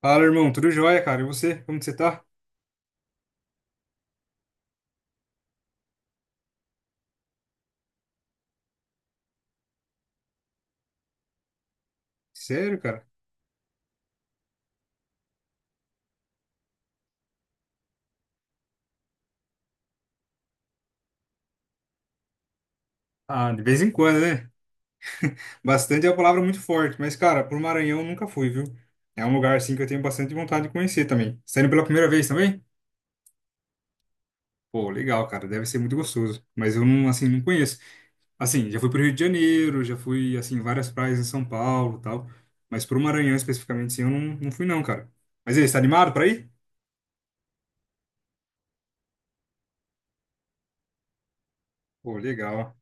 Fala, irmão, tudo jóia, cara? E você? Como que você tá? Sério, cara? Ah, de vez em quando, né? Bastante é uma palavra muito forte, mas, cara, pro Maranhão eu nunca fui, viu? É um lugar, assim, que eu tenho bastante vontade de conhecer também. Você tá indo pela primeira vez também? Pô, legal, cara, deve ser muito gostoso. Mas eu não, assim, não conheço. Assim, já fui pro Rio de Janeiro, já fui, assim, em várias praias em São Paulo e tal. Mas pro Maranhão, especificamente, assim, eu não, não fui não, cara. Mas e aí, você tá animado pra ir? Pô, legal.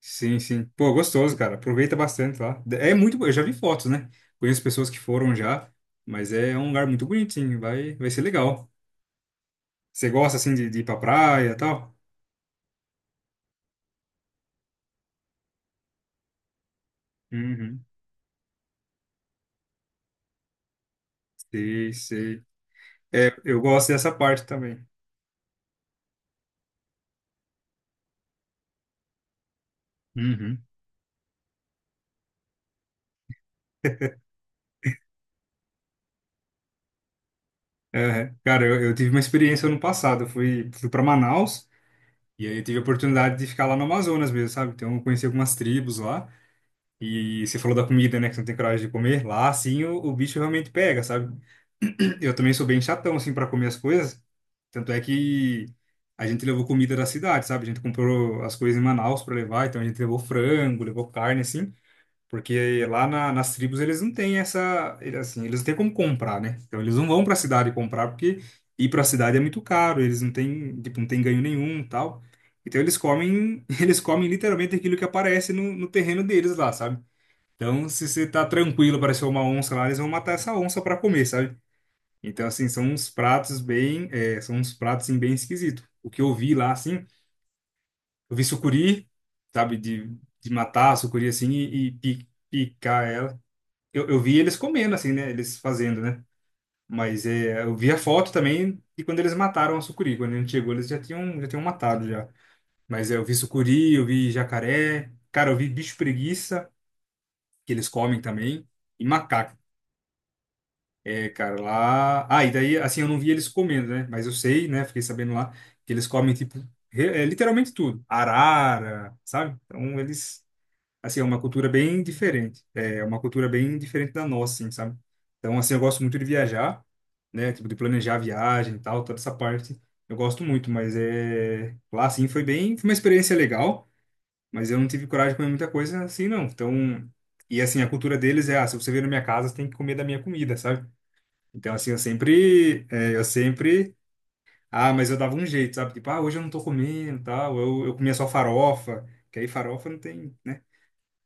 Sim, sim. Pô, gostoso, cara. Aproveita bastante lá. É muito, eu já vi fotos, né? Conheço pessoas que foram já, mas é um lugar muito bonito, sim. Vai ser legal. Você gosta assim de ir pra praia e tal? Uhum. Sei, sei. É, eu gosto dessa parte também. Uhum. É, cara, eu tive uma experiência ano passado. Eu fui para Manaus e aí eu tive a oportunidade de ficar lá no Amazonas mesmo, sabe? Então eu conheci algumas tribos lá. E você falou da comida, né? Que você não tem coragem de comer. Lá, assim, o bicho realmente pega, sabe? Eu também sou bem chatão, assim, para comer as coisas. Tanto é que a gente levou comida da cidade, sabe? A gente comprou as coisas em Manaus para levar. Então, a gente levou frango, levou carne, assim. Porque lá nas tribos eles não têm assim, eles não têm como comprar, né? Então, eles não vão para a cidade comprar porque ir para a cidade é muito caro. Eles não têm, tipo, não têm ganho nenhum tal. Então, eles comem, eles comem literalmente aquilo que aparece no no terreno deles lá, sabe? Então, se você tá tranquilo, apareceu uma onça lá, eles vão matar essa onça para comer, sabe? Então, assim, são uns pratos bem, são uns pratos assim, bem esquisitos. O que eu vi lá, assim, eu vi sucuri, sabe, de matar a sucuri assim e picar ela. Eu vi eles comendo, assim, né? Eles fazendo, né? Mas é, eu vi a foto também de quando eles mataram a sucuri. Quando a gente chegou, eles já tinham matado já. Mas é, eu vi sucuri, eu vi jacaré, cara, eu vi bicho preguiça, que eles comem também, e macaco. É, cara, lá. Ah, e daí, assim, eu não vi eles comendo, né? Mas eu sei, né? Fiquei sabendo lá que eles comem, tipo, literalmente tudo. Arara, sabe? Então, eles. Assim, é uma cultura bem diferente. É uma cultura bem diferente da nossa, assim, sabe? Então, assim, eu gosto muito de viajar, né? Tipo, de planejar a viagem e tal, toda essa parte. Eu gosto muito, mas é. Lá, assim, foi bem. Foi uma experiência legal, mas eu não tive coragem de comer muita coisa assim, não. Então. E, assim, a cultura deles é: ah, se você vier na minha casa, você tem que comer da minha comida, sabe? Então, assim, eu sempre, é, eu sempre, ah, mas eu dava um jeito, sabe? Tipo, ah, hoje eu não tô comendo, tal, eu comia só farofa, que aí farofa não tem, né?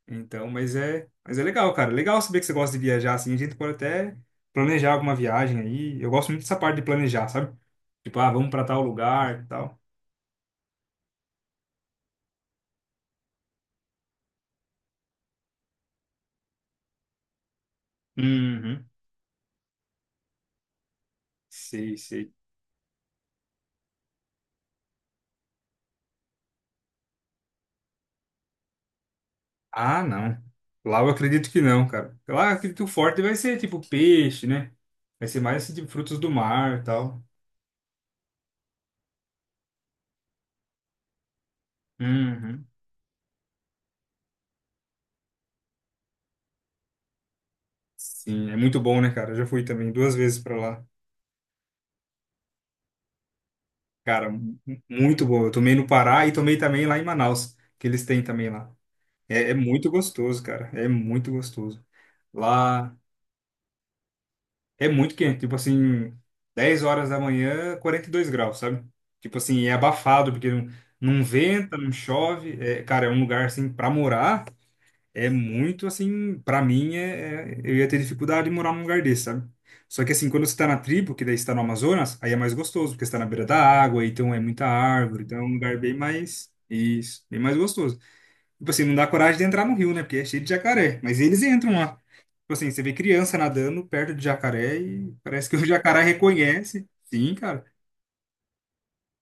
Então, mas é legal, cara. Legal saber que você gosta de viajar, assim, a gente pode até planejar alguma viagem aí. Eu gosto muito dessa parte de planejar, sabe? Tipo, ah, vamos pra tal lugar, tal. Uhum. Sei, sei. Ah, não. Lá eu acredito que não, cara. Lá eu acredito que o forte vai ser, tipo, peixe, né? Vai ser mais, assim, tipo, frutos do mar, e tal. Uhum. Sim, é muito bom, né, cara? Eu já fui também 2 vezes para lá. Cara, muito bom. Eu tomei no Pará e tomei também lá em Manaus, que eles têm também lá. É muito gostoso, cara. É muito gostoso. Lá é muito quente, tipo assim, 10 horas da manhã, 42 graus, sabe? Tipo assim, é abafado, porque não, não venta, não chove. É, cara, é um lugar assim para morar. É muito assim, pra mim, eu ia ter dificuldade em morar num lugar desse, sabe? Só que assim, quando você tá na tribo, que daí você tá no Amazonas, aí é mais gostoso, porque você tá na beira da água, então é muita árvore, então é um lugar bem mais, isso, bem mais gostoso. Tipo assim, não dá coragem de entrar no rio, né? Porque é cheio de jacaré, mas eles entram lá. Tipo assim, você vê criança nadando perto de jacaré e parece que o jacaré reconhece. Sim, cara.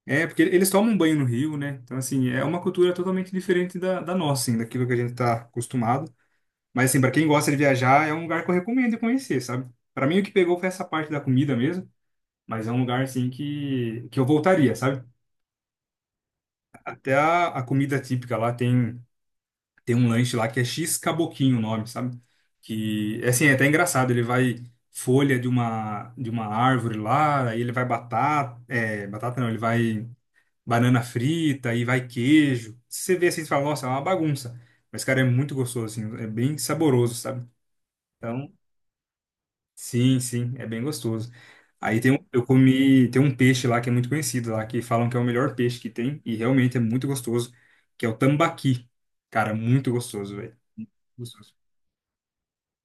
É, porque eles tomam banho no rio, né? Então, assim, é uma cultura totalmente diferente da nossa, assim, daquilo que a gente tá acostumado. Mas assim, para quem gosta de viajar, é um lugar que eu recomendo conhecer, sabe? Para mim o que pegou foi essa parte da comida mesmo, mas é um lugar assim que eu voltaria, sabe? Até a comida típica lá tem tem um lanche lá que é X Caboquinho o nome, sabe? Que é assim, é até engraçado, ele vai folha de uma árvore lá, aí ele vai batata, é, batata não, ele vai banana frita, aí vai queijo. Você vê assim e fala, nossa, é uma bagunça. Mas cara, é muito gostoso assim, é bem saboroso, sabe? Então Sim, sim, é bem gostoso. Aí tem, eu comi, tem um peixe lá que é muito conhecido lá, que falam que é o melhor peixe que tem, e realmente é muito gostoso, que é o tambaqui. Cara, muito gostoso, velho. Muito gostoso.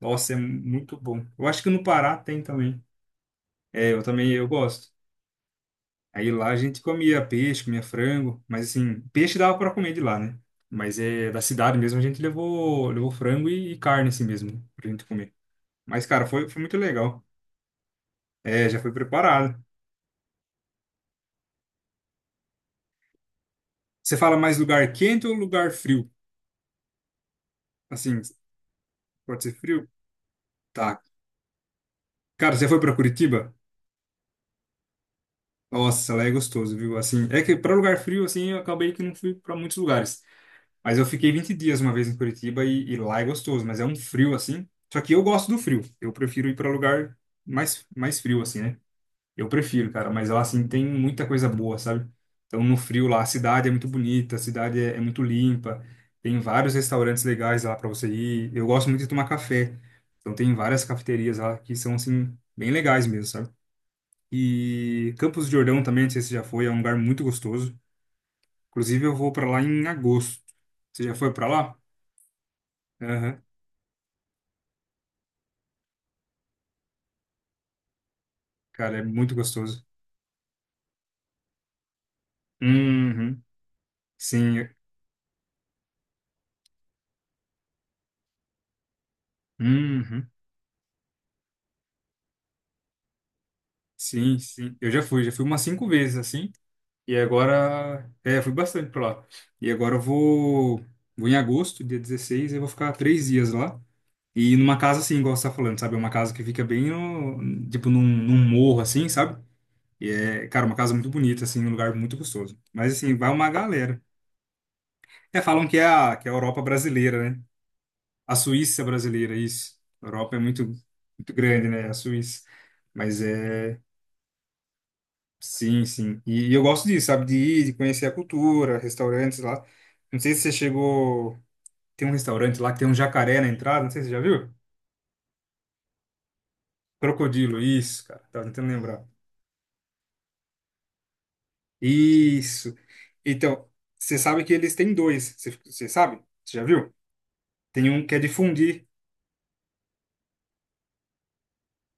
Nossa, é muito bom. Eu acho que no Pará tem também. É, eu também, eu gosto. Aí lá a gente comia peixe, comia frango, mas assim, peixe dava para comer de lá, né? Mas é da cidade mesmo, a gente levou, levou frango e carne assim mesmo, pra gente comer. Mas, cara, foi muito legal. É, já foi preparado. Você fala mais lugar quente ou lugar frio? Assim, pode ser frio? Tá. Cara, você foi pra Curitiba? Nossa, lá é gostoso, viu? Assim, é que pra lugar frio, assim, eu acabei que não fui pra muitos lugares. Mas eu fiquei 20 dias uma vez em Curitiba e lá é gostoso, mas é um frio, assim. Só que eu gosto do frio. Eu prefiro ir pra lugar mais frio, assim, né? Eu prefiro, cara, mas lá assim tem muita coisa boa, sabe? Então no frio lá a cidade é muito bonita, a cidade é muito limpa, tem vários restaurantes legais lá para você ir. Eu gosto muito de tomar café, então tem várias cafeterias lá que são assim bem legais mesmo, sabe? E Campos do Jordão também, não sei se você já foi, é um lugar muito gostoso. Inclusive eu vou para lá em agosto. Você já foi para lá? Aham. Cara, é muito gostoso. Uhum. Sim. Uhum. Sim, sim. Eu já fui umas 5 vezes assim. E agora, fui bastante pra lá. E agora eu vou em agosto, dia 16 eu vou ficar 3 dias lá. E numa casa assim, igual você tá falando, sabe? É uma casa que fica bem, no, tipo, num morro assim, sabe? E é, cara, uma casa muito bonita, assim, um lugar muito gostoso. Mas assim, vai uma galera. É, falam que é a, Europa brasileira, né? A Suíça brasileira, isso. A Europa é muito, muito grande, né? A Suíça. Mas é. Sim, sim. E eu gosto disso, sabe? De ir, de conhecer a cultura, restaurantes lá. Não sei se você chegou. Tem um restaurante lá que tem um jacaré na entrada, não sei se você já viu. Crocodilo, isso, cara. Tava tentando lembrar. Isso. Então, você sabe que eles têm dois. Você sabe? Você já viu? Tem um que é de fundir.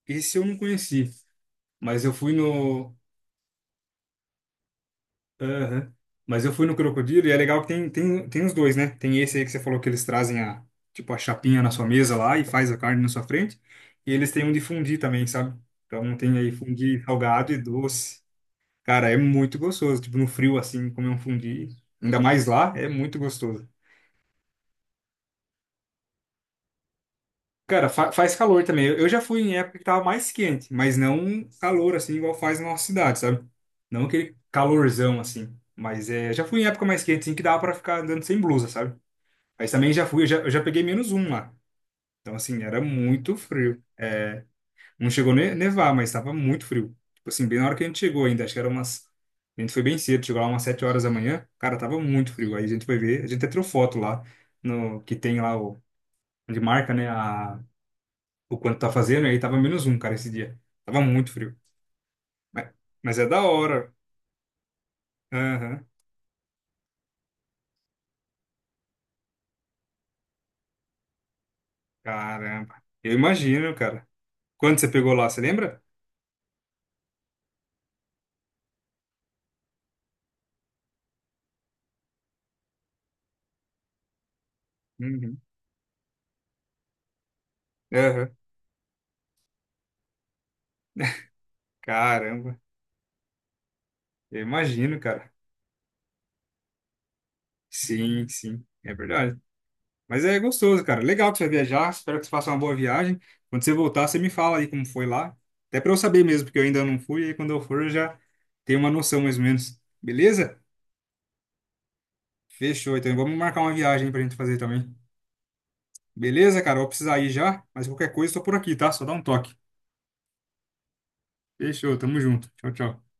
Esse eu não conheci, mas eu fui no, Aham. Mas eu fui no Crocodilo e é legal que tem os dois, né? Tem esse aí que você falou que eles trazem a, tipo, a chapinha na sua mesa lá e faz a carne na sua frente. E eles têm um de fundi também, sabe? Então tem aí fundi salgado e doce. Cara, é muito gostoso. Tipo, no frio assim, comer um fundi, ainda mais lá, é muito gostoso. Cara, fa faz calor também. Eu já fui em época que tava mais quente, mas não calor assim, igual faz na nossa cidade, sabe? Não aquele calorzão assim. Mas é, já fui em época mais quente, assim, que dava pra ficar andando sem blusa, sabe? Mas também já fui, eu já peguei -1 lá. Então, assim, era muito frio. É, não chegou a nevar, mas estava muito frio. Tipo assim, bem na hora que a gente chegou ainda, acho que era umas. A gente foi bem cedo, chegou lá umas 7 horas da manhã. Cara, tava muito frio. Aí a gente foi ver, a gente até tirou foto lá, no, que tem lá o, onde marca, né, a, o quanto tá fazendo. E aí tava -1, cara, esse dia. Tava muito frio. Mas, mas é da hora. Aham. Caramba. Eu imagino, cara. Quando você pegou lá, você lembra? Uhum. Aham. Caramba. Eu imagino, cara. Sim, sim, é verdade. Mas é gostoso, cara. Legal que você vai viajar. Espero que você faça uma boa viagem. Quando você voltar, você me fala aí como foi lá. Até para eu saber mesmo, porque eu ainda não fui. E aí quando eu for, eu já tenho uma noção mais ou menos. Beleza? Fechou. Então vamos marcar uma viagem pra gente fazer também. Beleza, cara? Eu vou precisar ir já. Mas qualquer coisa, estou por aqui, tá? Só dá um toque. Fechou. Tamo junto. Tchau, tchau.